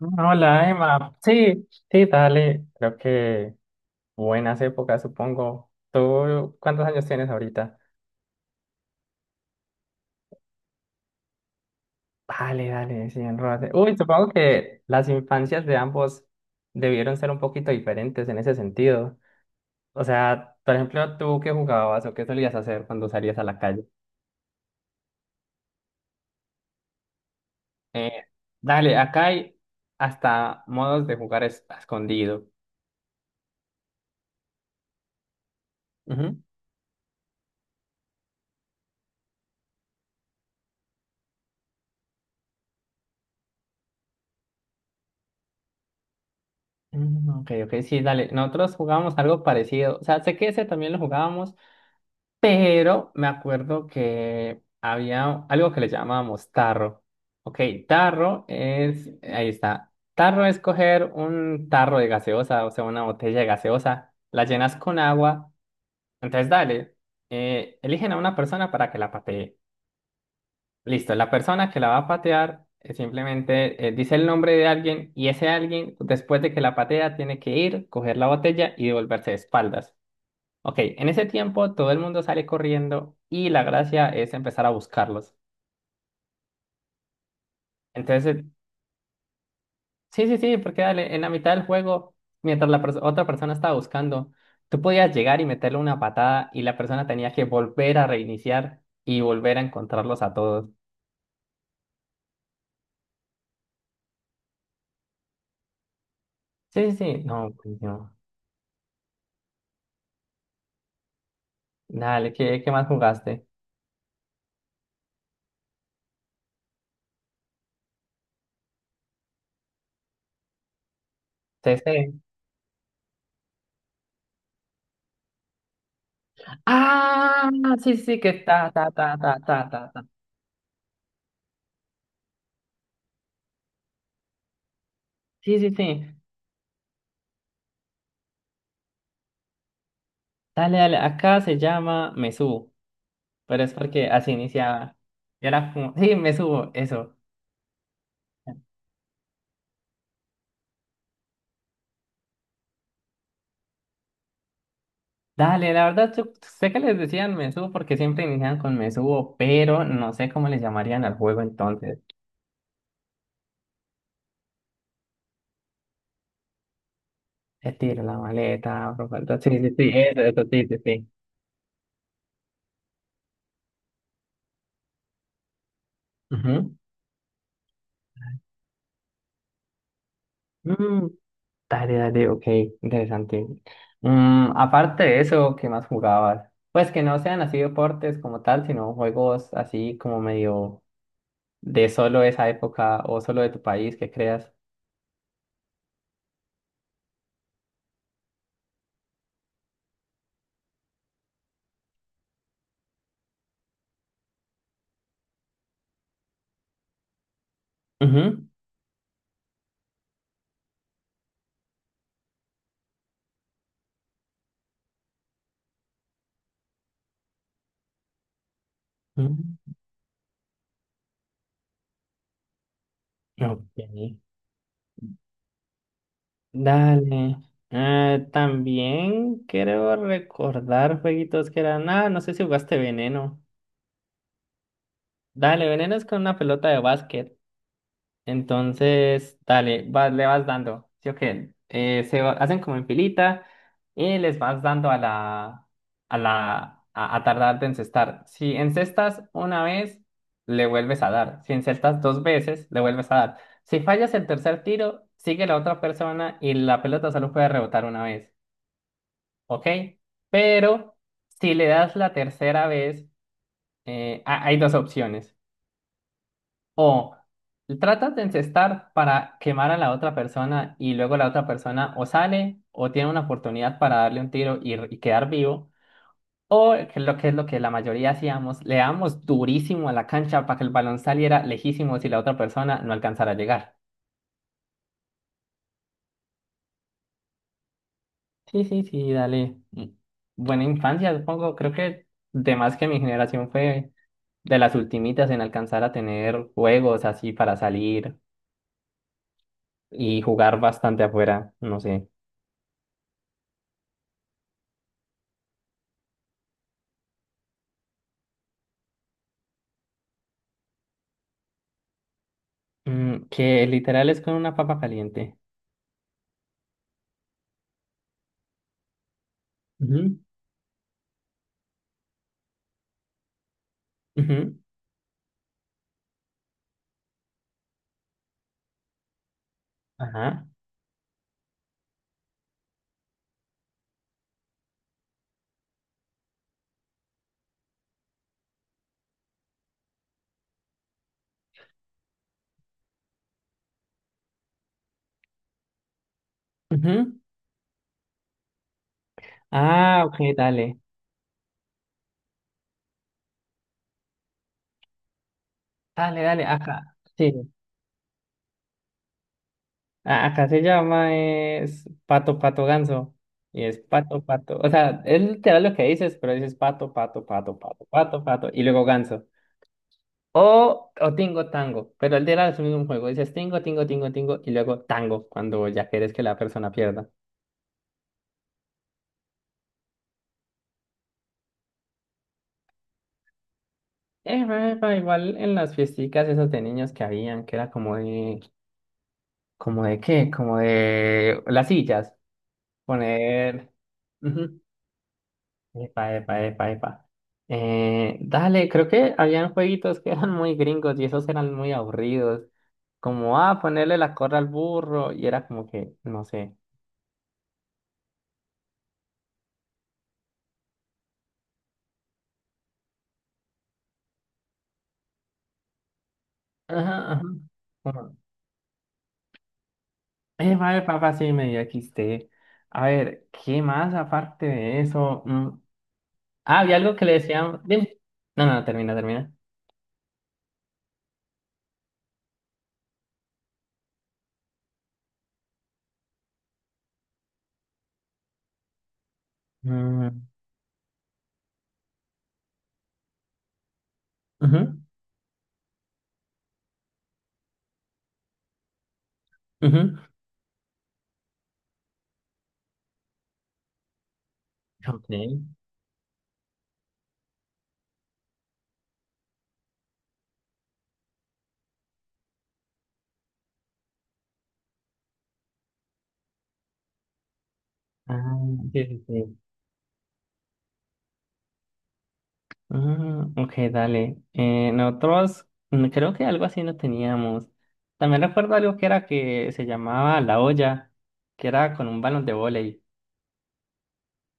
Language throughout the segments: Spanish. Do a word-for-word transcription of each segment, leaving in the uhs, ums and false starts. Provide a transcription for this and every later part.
Hola, Emma. Sí, sí, dale. Creo que buenas épocas, supongo. ¿Tú cuántos años tienes ahorita? Dale, dale, sí, enrólate. Uy, supongo que las infancias de ambos debieron ser un poquito diferentes en ese sentido. O sea, por ejemplo, ¿tú qué jugabas o qué solías hacer cuando salías a la calle? Eh, Dale, acá hay hasta modos de jugar es- a escondido. Ujú. Mm, ok, ok, sí, dale. Nosotros jugábamos algo parecido. O sea, sé que ese también lo jugábamos, pero me acuerdo que había algo que le llamábamos tarro. Ok, tarro es, ahí está. Tarro es coger un tarro de gaseosa, o sea, una botella de gaseosa, la llenas con agua. Entonces, dale, eh, eligen a una persona para que la patee. Listo, la persona que la va a patear eh, simplemente eh, dice el nombre de alguien y ese alguien, después de que la patea, tiene que ir, coger la botella y devolverse de espaldas. Ok, en ese tiempo todo el mundo sale corriendo y la gracia es empezar a buscarlos. Entonces, eh, sí, sí, sí, porque dale, en la mitad del juego, mientras la pers- otra persona estaba buscando, tú podías llegar y meterle una patada y la persona tenía que volver a reiniciar y volver a encontrarlos a todos. Sí, sí, sí, no, pues no. Dale, ¿qué, ¿qué más jugaste? C C. Ah, sí, sí, que está, ta, ta, ta, ta, ta, ta, ta. Sí, sí, sí. Dale, dale, acá se llama Mesú. Pero es porque así iniciaba. Y era como, sí, me subo, eso. Dale, la verdad, yo sé que les decían me subo porque siempre inician con me subo, pero no sé cómo les llamarían al juego entonces. Te tiro la maleta, bro, falta- sí, sí, sí, eso, eso, sí, sí, sí. Ujú. Mm, dale, dale, ok, interesante. Mm, aparte de eso, ¿qué más jugabas? Pues que no sean así deportes como tal, sino juegos así como medio de solo esa época o solo de tu país que creas. Ujú. Mm, ok, dale. Eh, también creo recordar jueguitos que eran. Ah, no sé si jugaste Veneno. Dale, Veneno es con una pelota de básquet. Entonces, dale, vas- le vas dando. Sí, ok. Eh, se va- hacen como en filita y les vas dando a la, a la, a, a tardar de encestar. Si encestas una vez, le vuelves a dar. Si encestas dos veces, le vuelves a dar. Si fallas el tercer tiro, sigue la otra persona y la pelota solo puede rebotar una vez. ¿Ok? Pero si le das la tercera vez, eh, ha- hay dos opciones. O tratas de encestar para quemar a la otra persona y luego la otra persona o sale o tiene una oportunidad para darle un tiro y, y quedar vivo. O que lo que es lo que la mayoría hacíamos, le damos durísimo a la cancha para que el balón saliera lejísimo si la otra persona no alcanzara a llegar. Sí, sí, sí, dale. Mm. Buena infancia, supongo. Creo que de más que mi generación fue de las ultimitas en alcanzar a tener juegos así para salir y jugar bastante afuera, no sé. Mm, que literal es con una papa caliente. Ujú. Ujú, ajá, ujú. Ah, ok, dale. Dale, dale, acá. Sí. a- Acá se llama es pato, pato, ganso. Y es pato, pato. O sea, es literal lo que dices, pero dices pato, pato, pato, pato, pato, pato. Y luego ganso. O, o tingo, tango. Pero el literal es el mismo juego. Dices tingo, tingo, tingo, tingo. Y luego tango, cuando ya quieres que la persona pierda. Eh, epa, epa, igual en las fiesticas esas de niños que habían, que era como de. ¿Como de qué? Como de las sillas. Poner. Ujú. Epa, epa, epa, epa. Eh, dale, creo que habían jueguitos que eran muy gringos y esos eran muy aburridos. Como, ah, ponerle la corra al burro y era como que, no sé. Ajá, ajá. Como, epa, epa, epa, sí, medio X T. A ver, ¿qué más aparte de eso? Mm, ah, había algo que le decían. Dime. No, no, termina, termina. Mm, ujú, ujú. Ok. Ah, sí, sí, sí. Mm, ok, dale. Eh, nosotros mm, creo que algo así no teníamos. También recuerdo algo que era que se llamaba la olla, que era con un balón de vóley.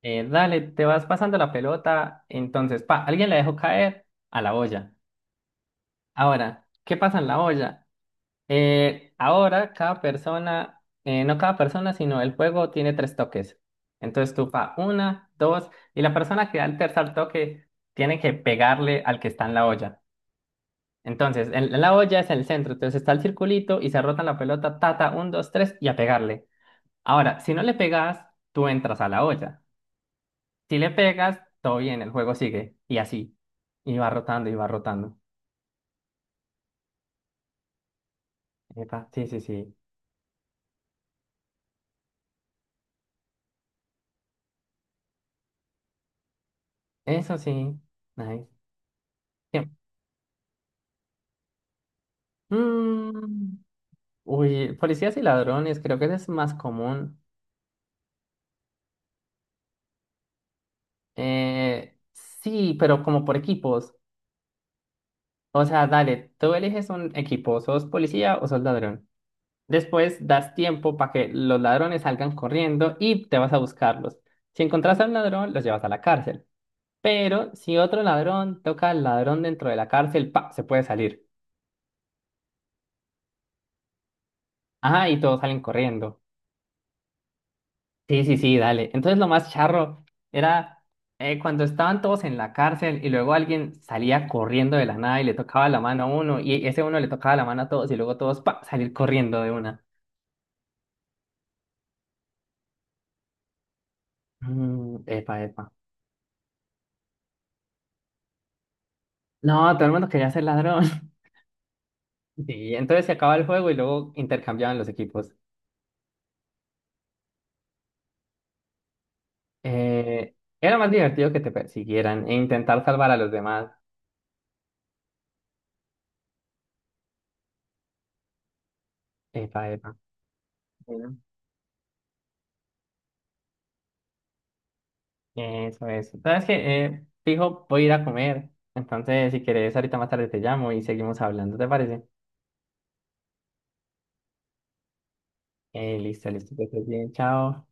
Eh, dale, te vas pasando la pelota, entonces, pa, alguien la dejó caer a la olla. Ahora, ¿qué pasa en la olla? Eh, ahora cada persona, eh, no cada persona, sino el juego tiene tres toques. Entonces tú fa una, dos, y la persona que da el tercer toque tiene que pegarle al que está en la olla. Entonces, en en la olla es el centro, entonces está el circulito y se rota la pelota, tata, un, dos, tres, y a pegarle. Ahora, si no le pegas, tú entras a la olla. Si le pegas, todo bien, el juego sigue, y así. Y va rotando y va rotando. Epa, sí, sí, sí. Eso sí. Nice. Bien. Mm. Uy, policías y ladrones, creo que ese es más común. Eh, sí, pero como por equipos. O sea, dale, tú eliges un equipo, sos policía o sos ladrón. Después das tiempo para que los ladrones salgan corriendo y te vas a buscarlos. Si encontrás a un ladrón, los llevas a la cárcel. Pero si otro ladrón toca al ladrón dentro de la cárcel, pa, se puede salir. Ajá, y todos salen corriendo. Sí, sí, sí, dale. Entonces lo más charro era eh, cuando estaban todos en la cárcel y luego alguien salía corriendo de la nada y le tocaba la mano a uno y ese uno le tocaba la mano a todos y luego todos pa, salir corriendo de una. Mm, epa, epa. No, todo el mundo quería ser ladrón. Sí, entonces se acaba el juego y luego intercambiaban los equipos. Eh, era más divertido que te persiguieran e intentar salvar a los demás. Epa, epa. Eso, es. ¿Sabes qué? Eh, fijo, voy a ir a comer. Entonces, si quieres, ahorita más tarde te llamo y seguimos hablando, ¿te parece? Eh, listo, listo, que estés bien, chao.